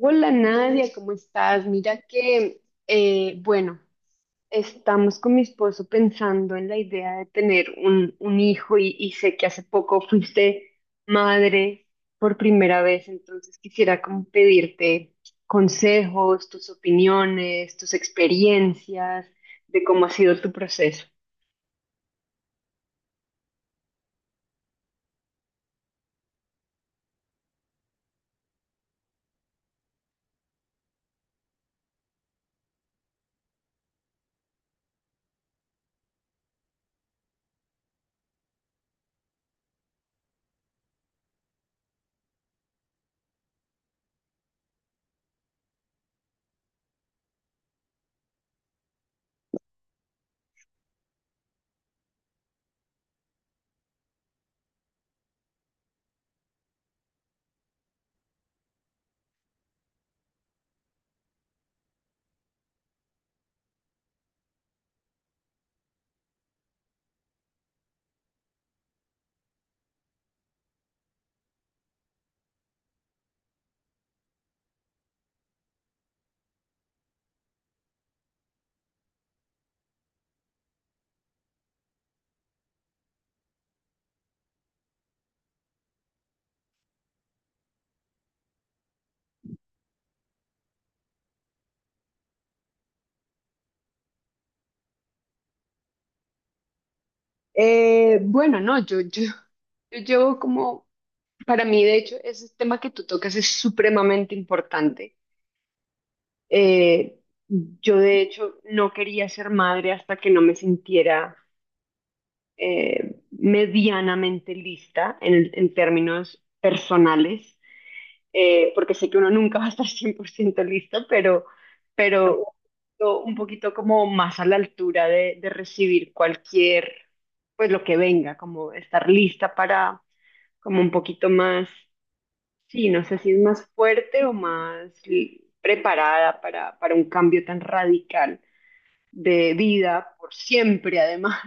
Hola Nadia, ¿cómo estás? Mira eh, bueno, estamos con mi esposo pensando en la idea de tener un hijo y sé que hace poco fuiste madre por primera vez, entonces quisiera como pedirte consejos, tus opiniones, tus experiencias de cómo ha sido tu proceso. Bueno, no, yo llevo como, para mí de hecho, ese tema que tú tocas es supremamente importante. Eh, yo de hecho no quería ser madre hasta que no me sintiera medianamente lista en, en términos personales, porque sé que uno nunca va a estar 100% lista, pero yo un poquito como más a la altura de recibir cualquier, pues lo que venga, como estar lista para como un poquito más, sí, no sé si es más fuerte o más... preparada para un cambio tan radical de vida por siempre, además.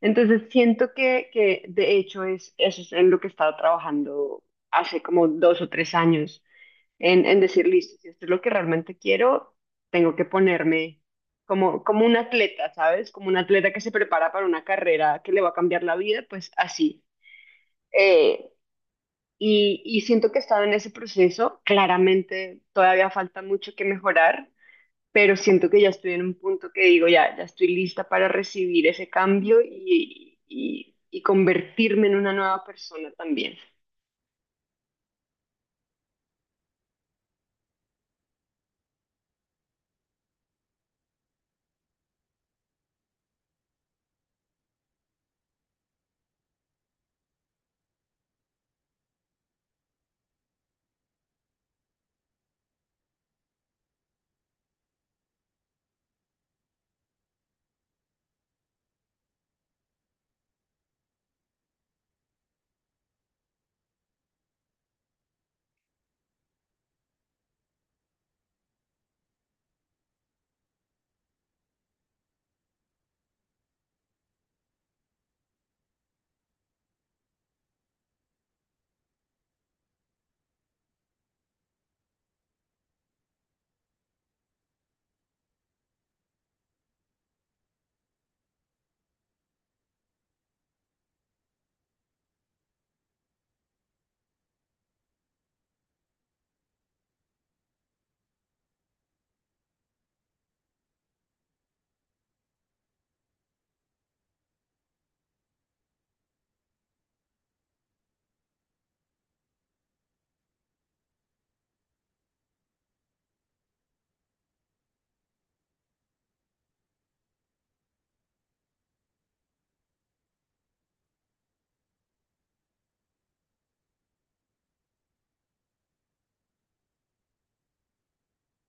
Entonces siento que de hecho es, eso es en lo que he estado trabajando hace como dos o tres años, en decir, listo, si esto es lo que realmente quiero, tengo que ponerme como un atleta, ¿sabes? Como un atleta que se prepara para una carrera que le va a cambiar la vida, pues así. Eh, y siento que he estado en ese proceso, claramente todavía falta mucho que mejorar, pero siento que ya estoy en un punto que digo, ya, ya estoy lista para recibir ese cambio y convertirme en una nueva persona también.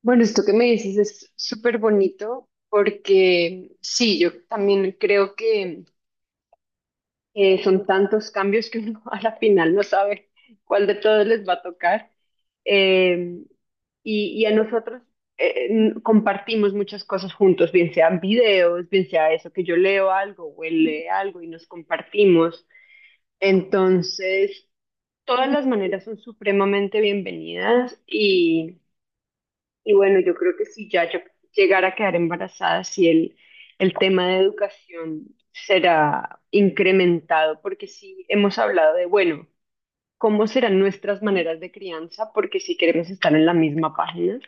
Bueno, esto que me dices es súper bonito porque sí, yo también creo que... son tantos cambios que uno a la final no sabe cuál de todos les va a tocar. Eh, y a nosotros compartimos muchas cosas juntos, bien sean videos, bien sea eso, que yo leo algo o él lee algo y nos compartimos. Entonces, todas las maneras son supremamente bienvenidas y bueno, yo creo que si ya yo llegara a quedar embarazada, si el, el tema de educación será incrementado, porque sí hemos hablado de, bueno, cómo serán nuestras maneras de crianza, porque si queremos estar en la misma página,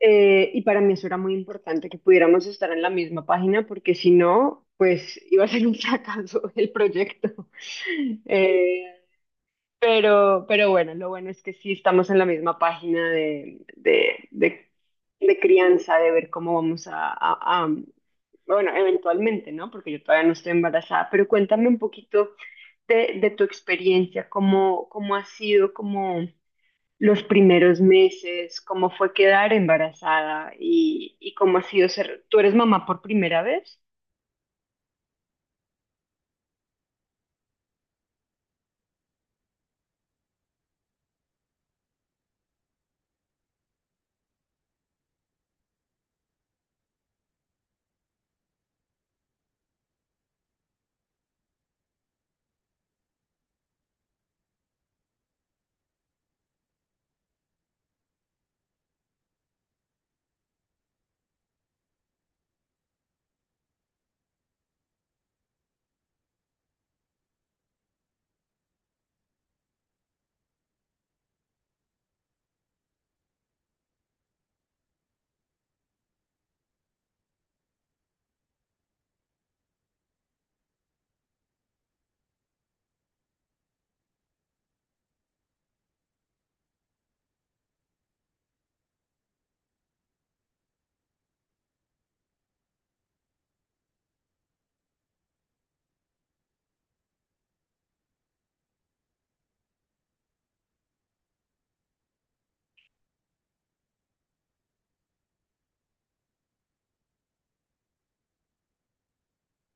y para mí eso era muy importante que pudiéramos estar en la misma página, porque si no, pues iba a ser un fracaso el proyecto. Eh, pero bueno, lo bueno es que sí estamos en la misma página de crianza, de ver cómo vamos a, bueno, eventualmente, ¿no? Porque yo todavía no estoy embarazada, pero cuéntame un poquito de tu experiencia, cómo, cómo ha sido como los primeros meses, cómo fue quedar embarazada y cómo ha sido ser, ¿tú eres mamá por primera vez?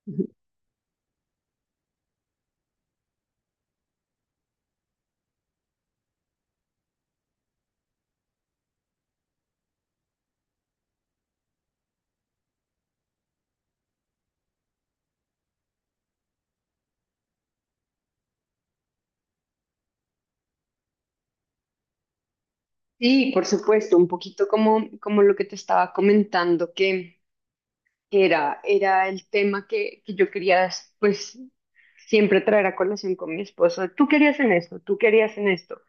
Ujú. Sí, por supuesto, un poquito como, como lo que te estaba comentando, que era, era el tema que yo quería, pues, siempre traer a colación con mi esposo. Tú querías en esto, tú querías en esto.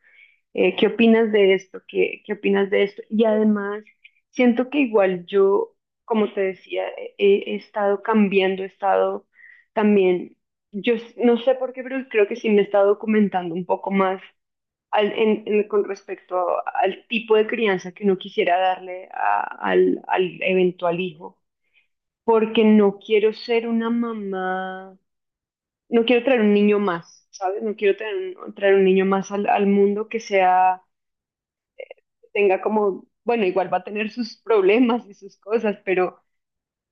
¿Qué opinas de esto? ¿Qué, qué opinas de esto? Y además, siento que igual yo, como te decía, he estado cambiando, he estado también, no sé por qué, pero creo que sí me he estado documentando un poco más con respecto al tipo de crianza que uno quisiera darle al eventual hijo, porque no quiero ser una mamá, no quiero traer un niño más, ¿sabes? No quiero traer un niño más al mundo que sea, que tenga como, bueno, igual va a tener sus problemas y sus cosas,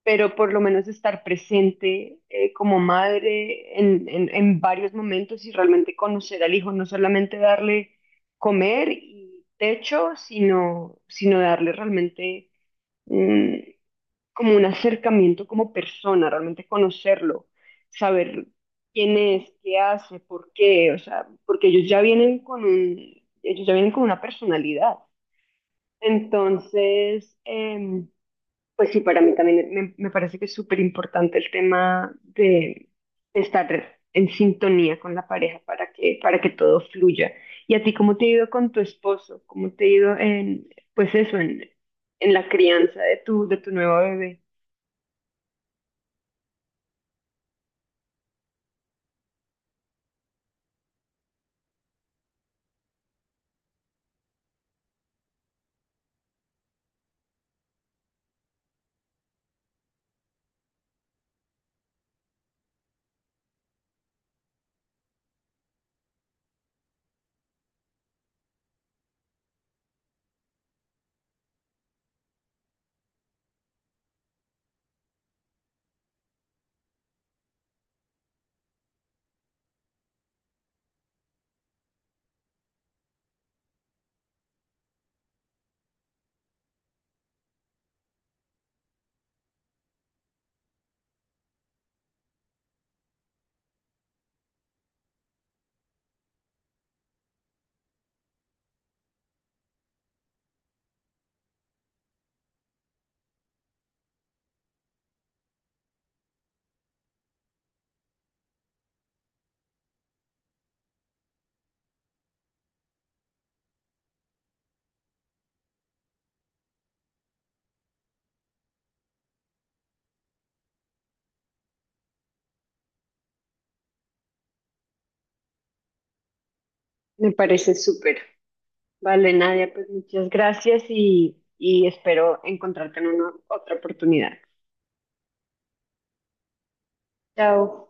pero por lo menos estar presente como madre en varios momentos y realmente conocer al hijo, no solamente darle comer y techo, sino, sino darle realmente mm, como un acercamiento como persona, realmente conocerlo, saber quién es, qué hace, por qué, o sea, porque ellos ya vienen con un, ellos ya vienen con una personalidad. Entonces, pues sí, para mí también me parece que es súper importante el tema de estar en sintonía con la pareja para que todo fluya. ¿Y a ti cómo te ha ido con tu esposo? ¿Cómo te ha ido en, pues eso, en la crianza de tu nuevo bebé? Me parece súper. Vale, Nadia, pues muchas gracias y espero encontrarte en una otra oportunidad. Chao.